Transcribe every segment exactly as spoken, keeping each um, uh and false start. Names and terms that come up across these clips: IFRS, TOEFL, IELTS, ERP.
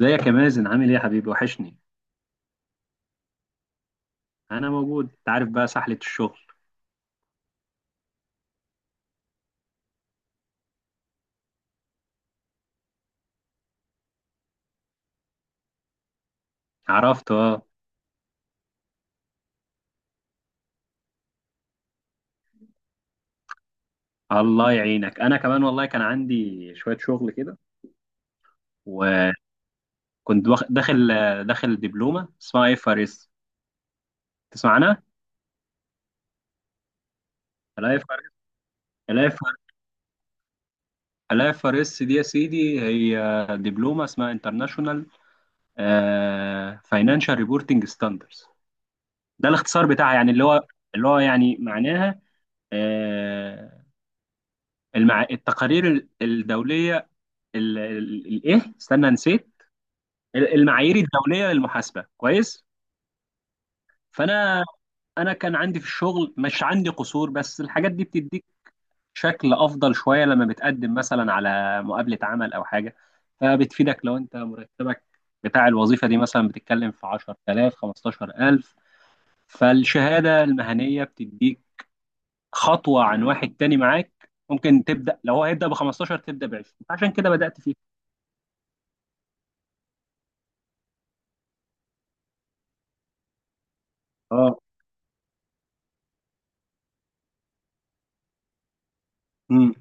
ازيك يا مازن، عامل ايه يا حبيبي؟ وحشني. انا موجود، انت عارف بقى سحلة الشغل. عرفت، اه. الله يعينك، انا كمان والله كان عندي شوية شغل كده. وكنت واخ- داخل داخل دبلومة اسمها اف ار اس، تسمع عنها؟ الاف ار الاف ار الاف ار اس دي يا سيدي، هي دبلومة اسمها انترناشونال فاينانشال ريبورتنج ستاندرز. ده الاختصار بتاعها، يعني اللي هو اللي هو يعني معناها آه، المع... التقارير الدولية، ال- ال- الايه استنى نسيت، ال- المعايير الدوليه للمحاسبه. كويس. فانا انا كان عندي في الشغل، مش عندي قصور، بس الحاجات دي بتديك شكل افضل شويه لما بتقدم مثلا على مقابله عمل او حاجه. فبتفيدك لو انت مرتبك بتاع الوظيفه دي مثلا بتتكلم في عشرة آلاف، خمستاشر الف. فالشهاده المهنيه بتديك خطوه عن واحد تاني معاك، ممكن تبدا لو هو هيبدا ب خمستاشر تبدا ب عشرين، عشان كده بدات فيه. اه. امم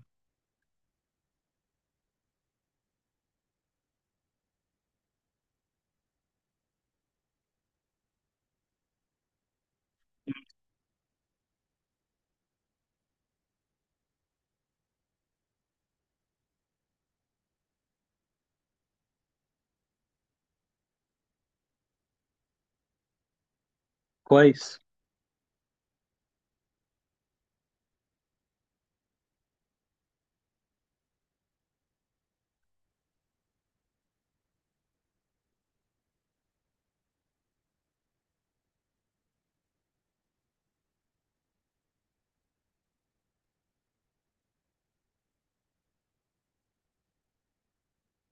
كويس.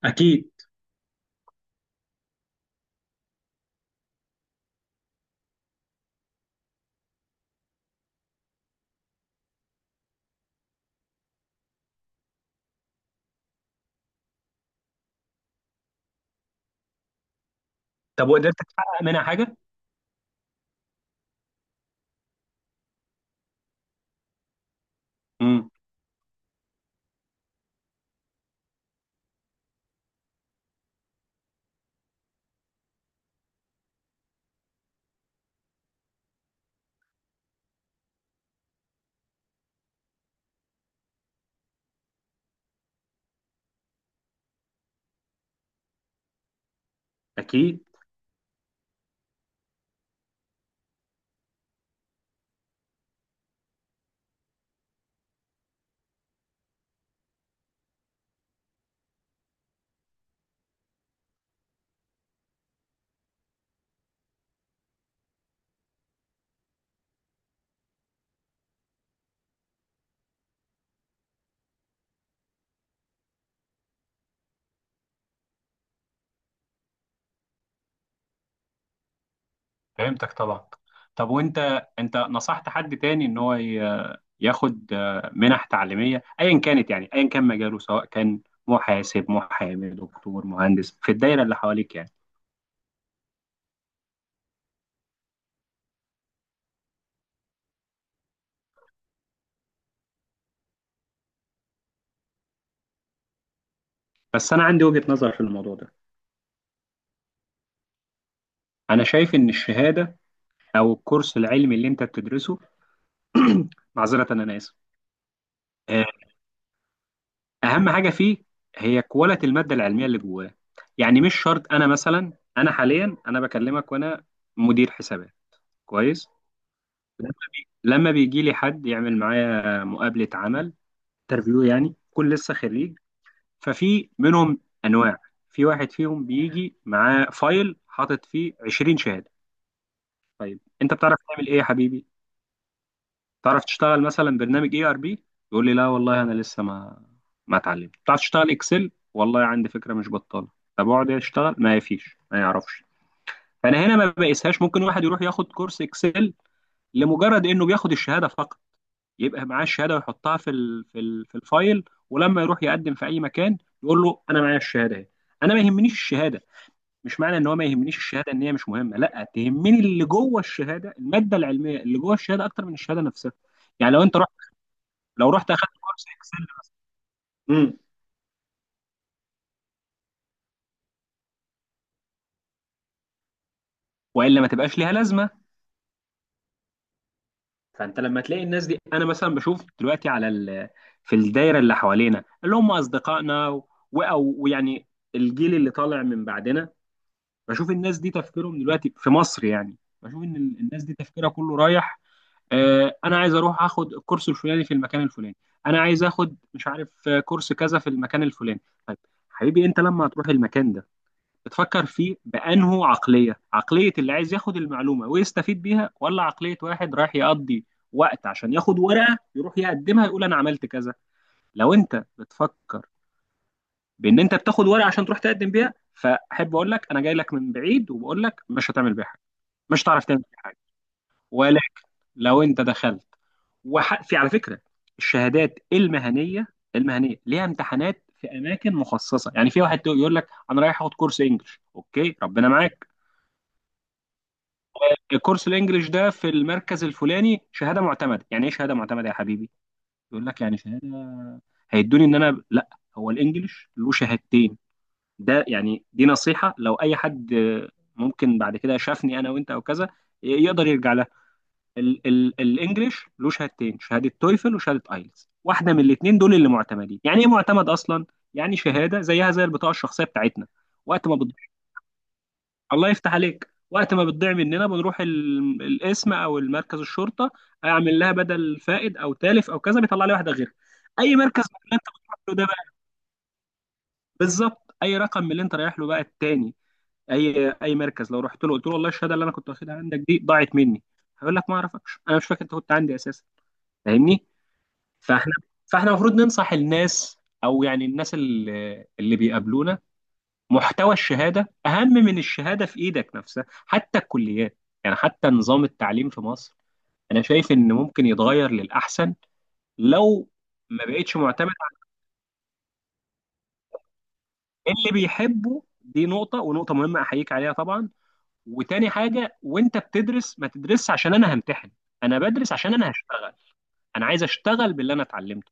اكيد. طب وقدرت تحقق منها حاجة؟ امم اكيد. فهمتك طبعا. طب وانت، انت نصحت حد تاني ان هو ي- ياخد آه، منح تعليمية ايا كانت؟ يعني ايا كان مجاله، سواء كان محاسب، محامي، دكتور، مهندس، في الدايرة اللي حواليك يعني. بس انا عندي وجهة نظر في الموضوع ده. انا شايف ان الشهادة او الكورس العلمي اللي انت بتدرسه معذرة انا اسف. آه، اهم حاجه فيه هي كواليتي الماده العلميه اللي جواه. يعني مش شرط، انا مثلا، انا حاليا انا بكلمك وانا مدير حسابات. كويس. لما بي- لما بيجي لي حد يعمل معايا مقابله عمل، انترفيو يعني، كل لسه خريج. ففي منهم انواع، في واحد فيهم بيجي معاه فايل حاطط فيه عشرين شهاده. طيب انت بتعرف تعمل ايه يا حبيبي؟ تعرف تشتغل مثلا برنامج اي ار بي؟ يقول لي لا والله انا لسه ما ما اتعلمت. تعرف تشتغل اكسل؟ والله عندي فكره مش بطاله. طب اقعد اشتغل؟ ما فيش، ما يعرفش. فانا هنا ما بقيسهاش. ممكن واحد يروح ياخد كورس اكسل لمجرد انه بياخد الشهاده فقط، يبقى معاه الشهاده ويحطها في ال في ال في الفايل، ولما يروح يقدم في اي مكان يقول له انا معايا الشهاده اهي. انا ما يهمنيش الشهاده، مش معنى ان هو ما يهمنيش الشهاده ان هي مش مهمه، لا، تهمني اللي جوه الشهاده، الماده العلميه اللي جوه الشهاده اكتر من الشهاده نفسها. يعني لو انت لو رحت اخدت كورس اكسل مثلا، امم والا ما تبقاش ليها لازمه. فانت لما تلاقي الناس دي، انا مثلا بشوف دلوقتي على ال... في الدايره اللي حوالينا، اللي هم اصدقائنا و... او ويعني الجيل اللي طالع من بعدنا، بشوف الناس دي تفكيرهم دلوقتي في مصر يعني. بشوف ان ال- الناس دي تفكيرها كله رايح، آه، انا عايز اروح اخد الكورس الفلاني في المكان الفلاني، انا عايز اخد مش عارف آه، كورس كذا في المكان الفلاني. طيب حبيبي، انت لما هتروح المكان ده بتفكر فيه بأنه عقلية، عقلية اللي عايز ياخد المعلومة ويستفيد بيها، ولا عقلية واحد رايح يقضي وقت عشان ياخد ورقة يروح يقدمها يقول أنا عملت كذا؟ لو أنت بتفكر بأن أنت بتاخد ورقة عشان تروح تقدم بيها، فأحب أقول لك أنا جاي لك من بعيد، وبقول لك مش هتعمل بيها حاجة، مش هتعرف تعمل بيها حاجة. ولكن لو أنت دخلت وح... في، على فكرة، الشهادات المهنية، المهنية ليها امتحانات في أماكن مخصصة. يعني في واحد يقول لك أنا رايح أخد كورس إنجلش، أوكي، ربنا معاك. الكورس الانجليش ده في المركز الفلاني، شهاده معتمده. يعني ايه شهاده معتمده يا حبيبي؟ يقول لك يعني شهاده هيدوني ان انا، لا، هو الانجليش له شهادتين. ده يعني دي نصيحه لو اي حد آه، ممكن بعد كده شافني انا وانت او كذا ي- يقدر يرجع لها. ال ال الانجليش له شهادتين: شهاده تويفل وشهاده ايلتس، واحده من الاثنين دول اللي معتمدين. يعني ايه معتمد اصلا؟ يعني شهاده زيها زي البطاقه الشخصيه بتاعتنا، وقت ما الله يفتح عليك وقت ما بتضيع مننا، بنروح ال- القسم او المركز الشرطه، اعمل لها بدل فائد او تالف او كذا، بيطلع لي واحده غيرها. اي مركز من اللي انت بتروح له ده بقى، بالظبط، اي رقم من اللي انت رايح له بقى التاني. اي اي مركز لو رحت له قلت له والله الشهاده اللي انا كنت واخدها عندك دي ضاعت مني، هيقول لك ما اعرفكش، انا مش فاكر انت كنت عندي اساسا، فاهمني؟ فاحنا فاحنا المفروض ننصح الناس، او يعني الناس اللي اللي بيقابلونا، محتوى الشهاده اهم من الشهاده في ايدك نفسها. حتى الكليات، يعني حتى نظام التعليم في مصر، انا شايف ان ممكن يتغير للاحسن لو ما بقتش معتمد على اللي بيحبه. دي نقطه، ونقطه مهمه احييك عليها طبعا. وتاني حاجه، وانت بتدرس ما تدرسش عشان انا همتحن، انا بدرس عشان انا هشتغل، انا عايز اشتغل باللي انا اتعلمته.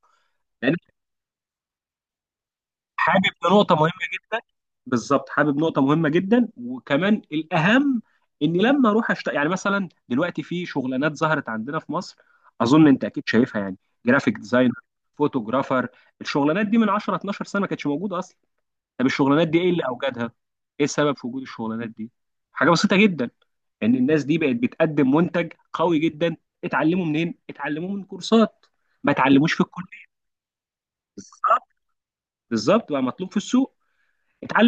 لان حابب نقطة مهمة جدا، بالظبط، حابب نقطة مهمة جدا، وكمان الأهم إني لما أروح أشت... يعني مثلا دلوقتي في شغلانات ظهرت عندنا في مصر، أظن أنت أكيد شايفها يعني، جرافيك ديزاينر، فوتوغرافر. الشغلانات دي من عشر، اتناشر سنة ما كانتش موجودة أصلا. طب الشغلانات دي إيه اللي أوجدها؟ إيه سبب في وجود الشغلانات دي؟ حاجة بسيطة جدا، إن الناس دي بقت بتقدم منتج قوي جدا. اتعلموا منين؟ اتعلموه من كورسات، ما اتعلموش في الكلية. بالظبط، بالظبط بقى مطلوب في السوق. اتعلم.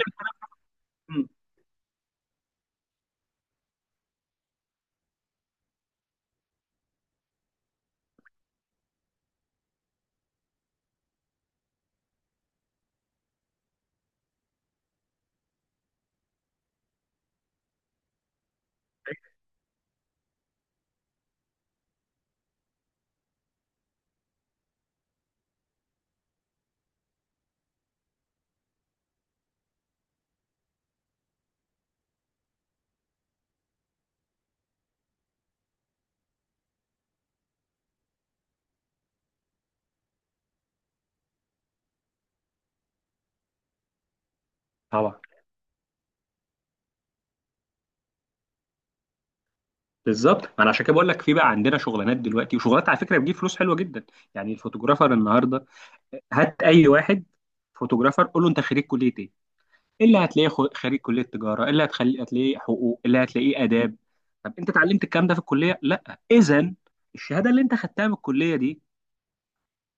طبعا، بالظبط، ما انا عشان كده بقول لك في بقى عندنا شغلانات دلوقتي، وشغلانات على فكره بتجيب فلوس حلوه جدا. يعني الفوتوجرافر النهارده، هات اي واحد فوتوجرافر قول له انت خريج كليه ايه، اللي هتلاقيه خو- خريج كليه تجاره، اللي هتخلي هتلاقيه حقوق، اللي هتلاقيه اداب. طب انت اتعلمت الكلام ده في الكليه؟ لا، اذا الشهاده اللي انت خدتها من الكليه دي،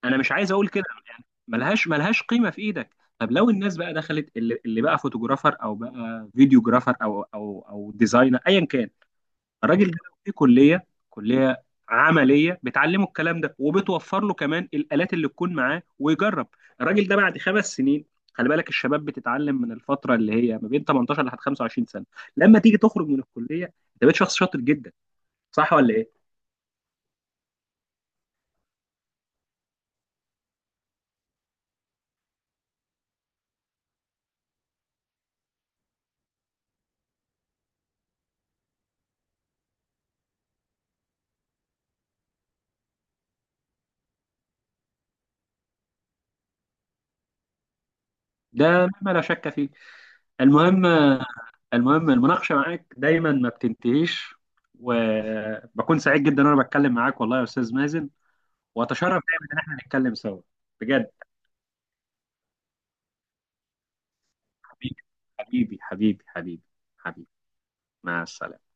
انا مش عايز اقول كده، يعني ملهاش ملهاش قيمه في ايدك. طب لو الناس بقى دخلت اللي, اللي بقى فوتوجرافر او بقى فيديوجرافر او او او ديزاينر ايا كان، الراجل ده لو في كليه كليه عمليه بتعلمه الكلام ده وبتوفر له كمان الالات اللي تكون معاه ويجرب، الراجل ده بعد خمس سنين. خلي بالك الشباب بتتعلم من الفتره اللي هي ما بين تمنتاشر لحد خمسة وعشرين سنه، لما تيجي تخرج من الكليه انت بقيت شخص شاطر جدا، صح ولا ايه؟ ده مما لا شك فيه. المهم المهم المناقشه معاك دايما ما بتنتهيش، وبكون سعيد جدا وانا بتكلم معاك والله يا استاذ مازن، واتشرف دايما ان احنا نتكلم سوا. بجد. حبيبي، حبيبي، حبيبي، حبيبي، حبيبي. مع السلامة.